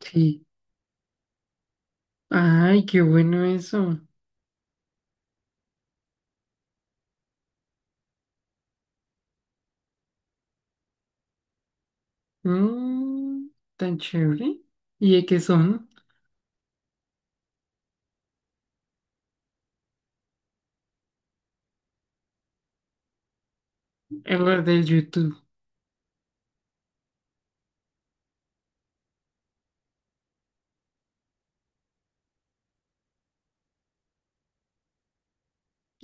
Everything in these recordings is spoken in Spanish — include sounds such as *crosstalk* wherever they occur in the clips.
Sí. Ay, qué bueno eso. Mm, Tan chévere. ¿Y de qué son? En las de YouTube.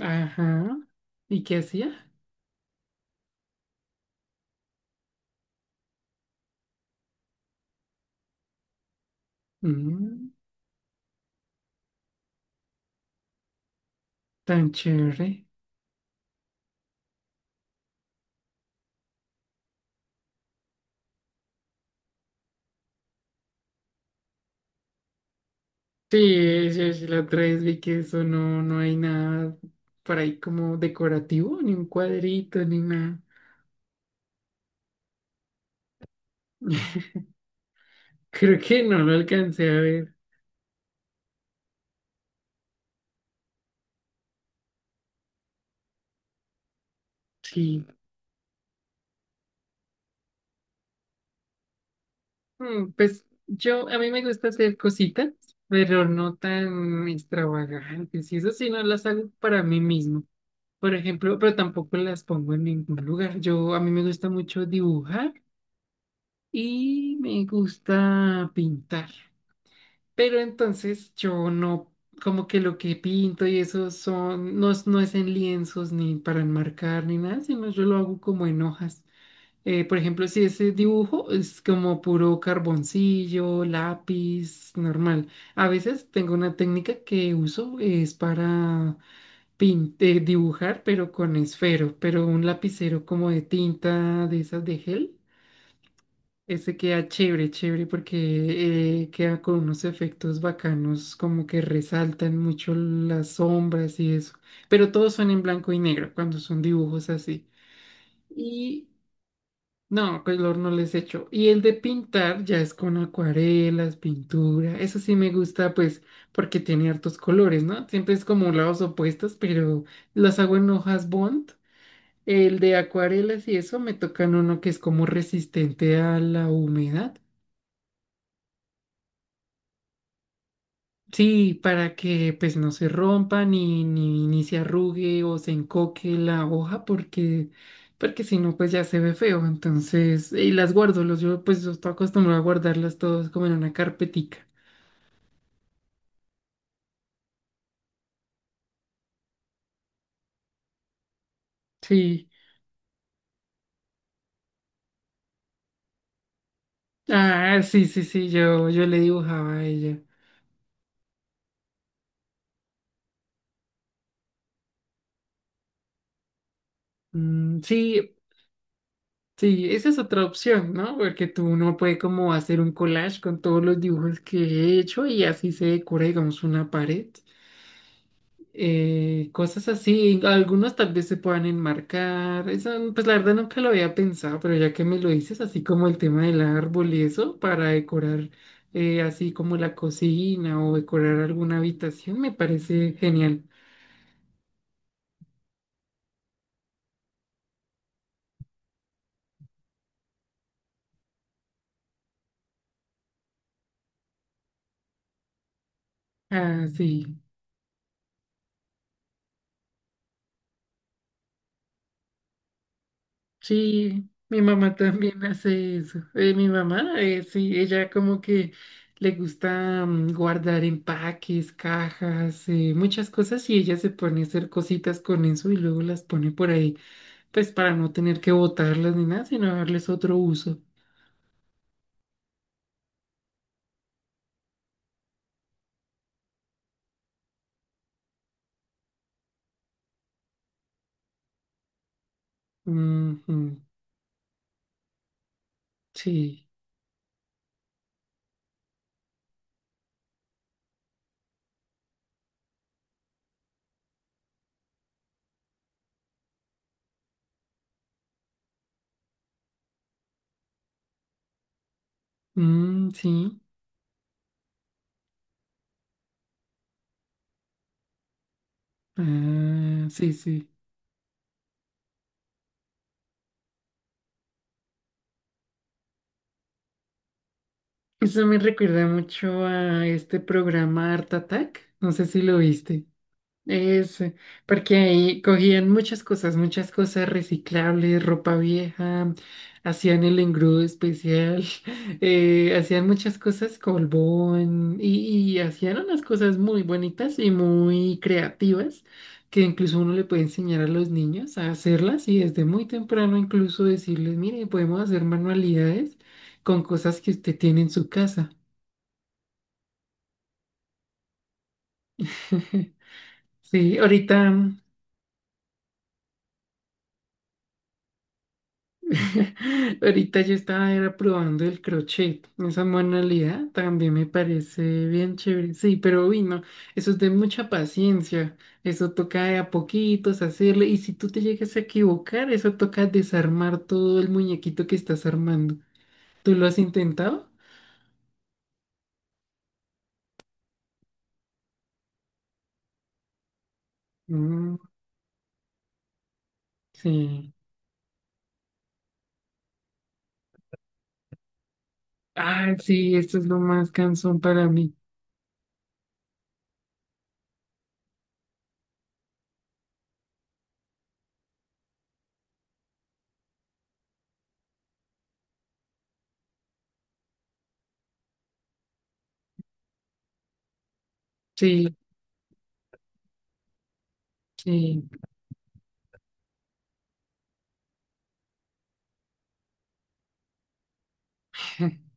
Ajá. ¿Y qué hacía? Mm, Tan chévere. Sí, sí, sí, la otra vez vi que eso no hay nada por ahí como decorativo, ni un cuadrito, ni nada. *laughs* Creo que no lo alcancé a ver. Sí. Pues yo, a mí me gusta hacer cositas, pero no tan extravagantes. Y eso sí, no las hago para mí mismo. Por ejemplo, pero tampoco las pongo en ningún lugar. A mí me gusta mucho dibujar y me gusta pintar. Pero entonces yo no, como que lo que pinto y eso son, no, es- no es en lienzos ni para enmarcar ni nada, sino yo lo hago como en hojas. Por ejemplo, si ese dibujo es como puro carboncillo, lápiz, normal. A veces tengo una técnica que uso, es para dibujar, pero con esfero, pero un lapicero como de tinta de esas de gel. Ese queda chévere, chévere, porque queda con unos efectos bacanos, como que resaltan mucho las sombras y eso. Pero todos son en blanco y negro cuando son dibujos así. Y no, color no les echo. Y el de pintar ya es con acuarelas, pintura. Eso sí me gusta, pues, porque tiene hartos colores, ¿no? Siempre es como lados opuestos, pero las hago en hojas bond. El de acuarelas y eso me tocan uno que es como resistente a la humedad. Sí, para que pues no se rompa ni se arrugue o se encoque la hoja porque si no pues ya se ve feo. Entonces, y las guardo, yo, pues yo estoy acostumbrado a guardarlas todas como en una carpetica. Sí. Ah, sí, sí, sí, yo le dibujaba a ella. Mm, sí, sí, esa es otra opción, ¿no? Porque tú uno puede como hacer un collage con todos los dibujos que he hecho y así se decora, digamos, una pared. Cosas así, algunos tal vez se puedan enmarcar, eso pues la verdad nunca lo había pensado, pero ya que me lo dices, así como el tema del árbol y eso, para decorar así como la cocina o decorar alguna habitación, me parece genial. Ah, sí, sí, mi mamá también hace eso. Mi mamá, sí, ella como que le gusta guardar empaques, cajas, muchas cosas, y ella se pone a hacer cositas con eso y luego las pone por ahí. Pues para no tener que botarlas ni nada, sino darles otro uso. Ujú. Sí. Mm, sí. Ah, sí, sí. Eso me recuerda mucho a este programa Art Attack. No sé si lo viste. Eso, porque ahí cogían muchas cosas reciclables, ropa vieja, hacían el engrudo especial, *laughs* hacían muchas cosas, colbón, y hacían unas cosas muy bonitas y muy creativas, que incluso uno le puede enseñar a los niños a hacerlas y desde muy temprano incluso decirles, mire, podemos hacer manualidades con cosas que usted tiene en su casa. *laughs* Sí, ahorita. *laughs* Ahorita yo estaba era probando el crochet. Esa manualidad también me parece bien chévere. Sí, pero uy, no, eso es de mucha paciencia. Eso toca de a poquitos hacerle. Y si tú te llegas a equivocar, eso toca desarmar todo el muñequito que estás armando. ¿Tú lo has intentado? Mm, sí. Ah, sí, esto es lo más cansón para mí. Sí, sí. *laughs*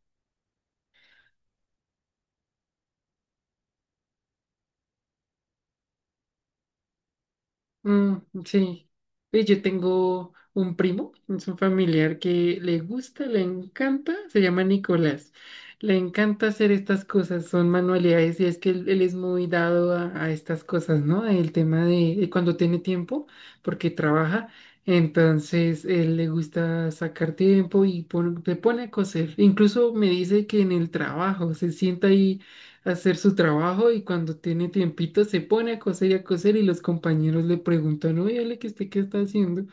Mm, sí, Pues yo tengo un primo, es un familiar que le gusta, le encanta, se llama Nicolás. Le encanta hacer estas cosas, son manualidades, y es que él es muy dado a estas cosas, ¿no? El tema de cuando tiene tiempo, porque trabaja, entonces él le gusta sacar tiempo y se pone a coser. Incluso me dice que en el trabajo se sienta ahí hacer su trabajo y cuando tiene tiempito se pone a coser y a coser, y los compañeros le preguntan, oye, Ale, ¿que usted qué está haciendo?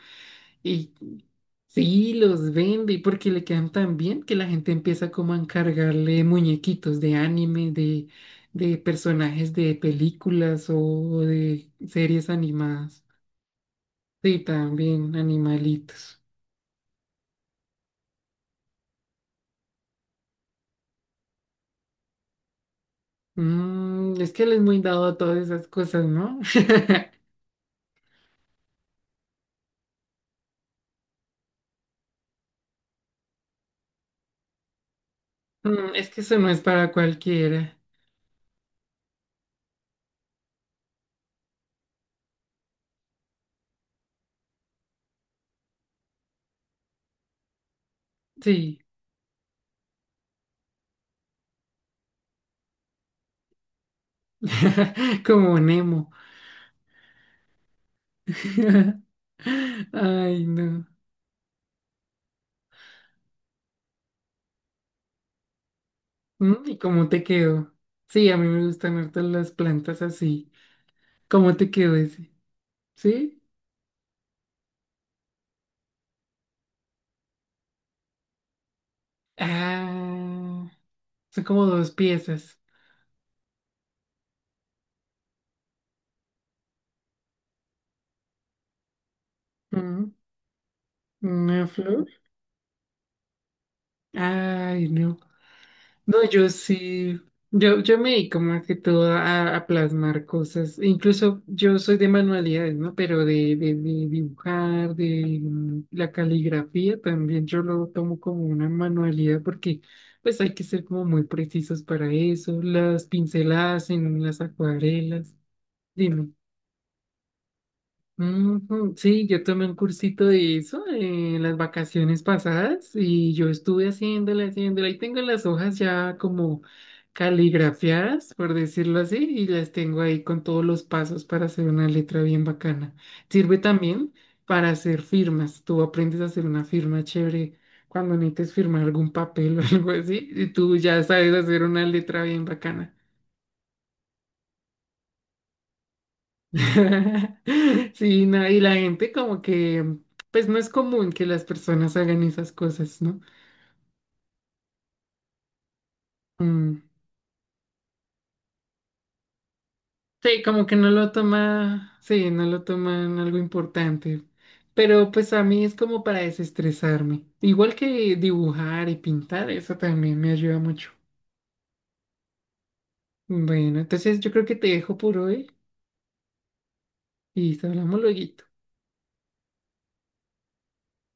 Y sí, los vende porque le quedan tan bien que la gente empieza como a encargarle muñequitos de anime, de personajes de películas o de series animadas. Sí, también animalitos. Mm, es que él es muy dado a todas esas cosas, ¿no? *laughs* Mm, es que eso no es para cualquiera. Sí. *laughs* Como Nemo. *laughs* Ay, no. Mm, ¿y cómo te quedó? Sí, a mí me gustan harto las plantas así. ¿Cómo te quedó ese? ¿Sí? Ah, son como dos piezas. Mm, una flor. Ay, no. No, yo sí, yo me dedico más que todo a plasmar cosas, incluso yo soy de manualidades, ¿no? Pero de dibujar, de la caligrafía también yo lo tomo como una manualidad porque pues hay que ser como muy precisos para eso, las pinceladas en las acuarelas, dime. Ujú. Sí, yo tomé un cursito de eso en las vacaciones pasadas y yo estuve haciéndola, haciéndola. Ahí tengo las hojas ya como caligrafiadas, por decirlo así, y las tengo ahí con todos los pasos para hacer una letra bien bacana. Sirve también para hacer firmas. Tú aprendes a hacer una firma chévere cuando necesites firmar algún papel *laughs* o algo así, y tú ya sabes hacer una letra bien bacana. *laughs* Sí, no, y la gente como que, pues no es común que las personas hagan esas cosas, ¿no? Mm, sí, como que no lo toma, sí, no lo toman algo importante, pero pues a mí es como para desestresarme, igual que dibujar y pintar, eso también me ayuda mucho. Bueno, entonces yo creo que te dejo por hoy y hablamos luego.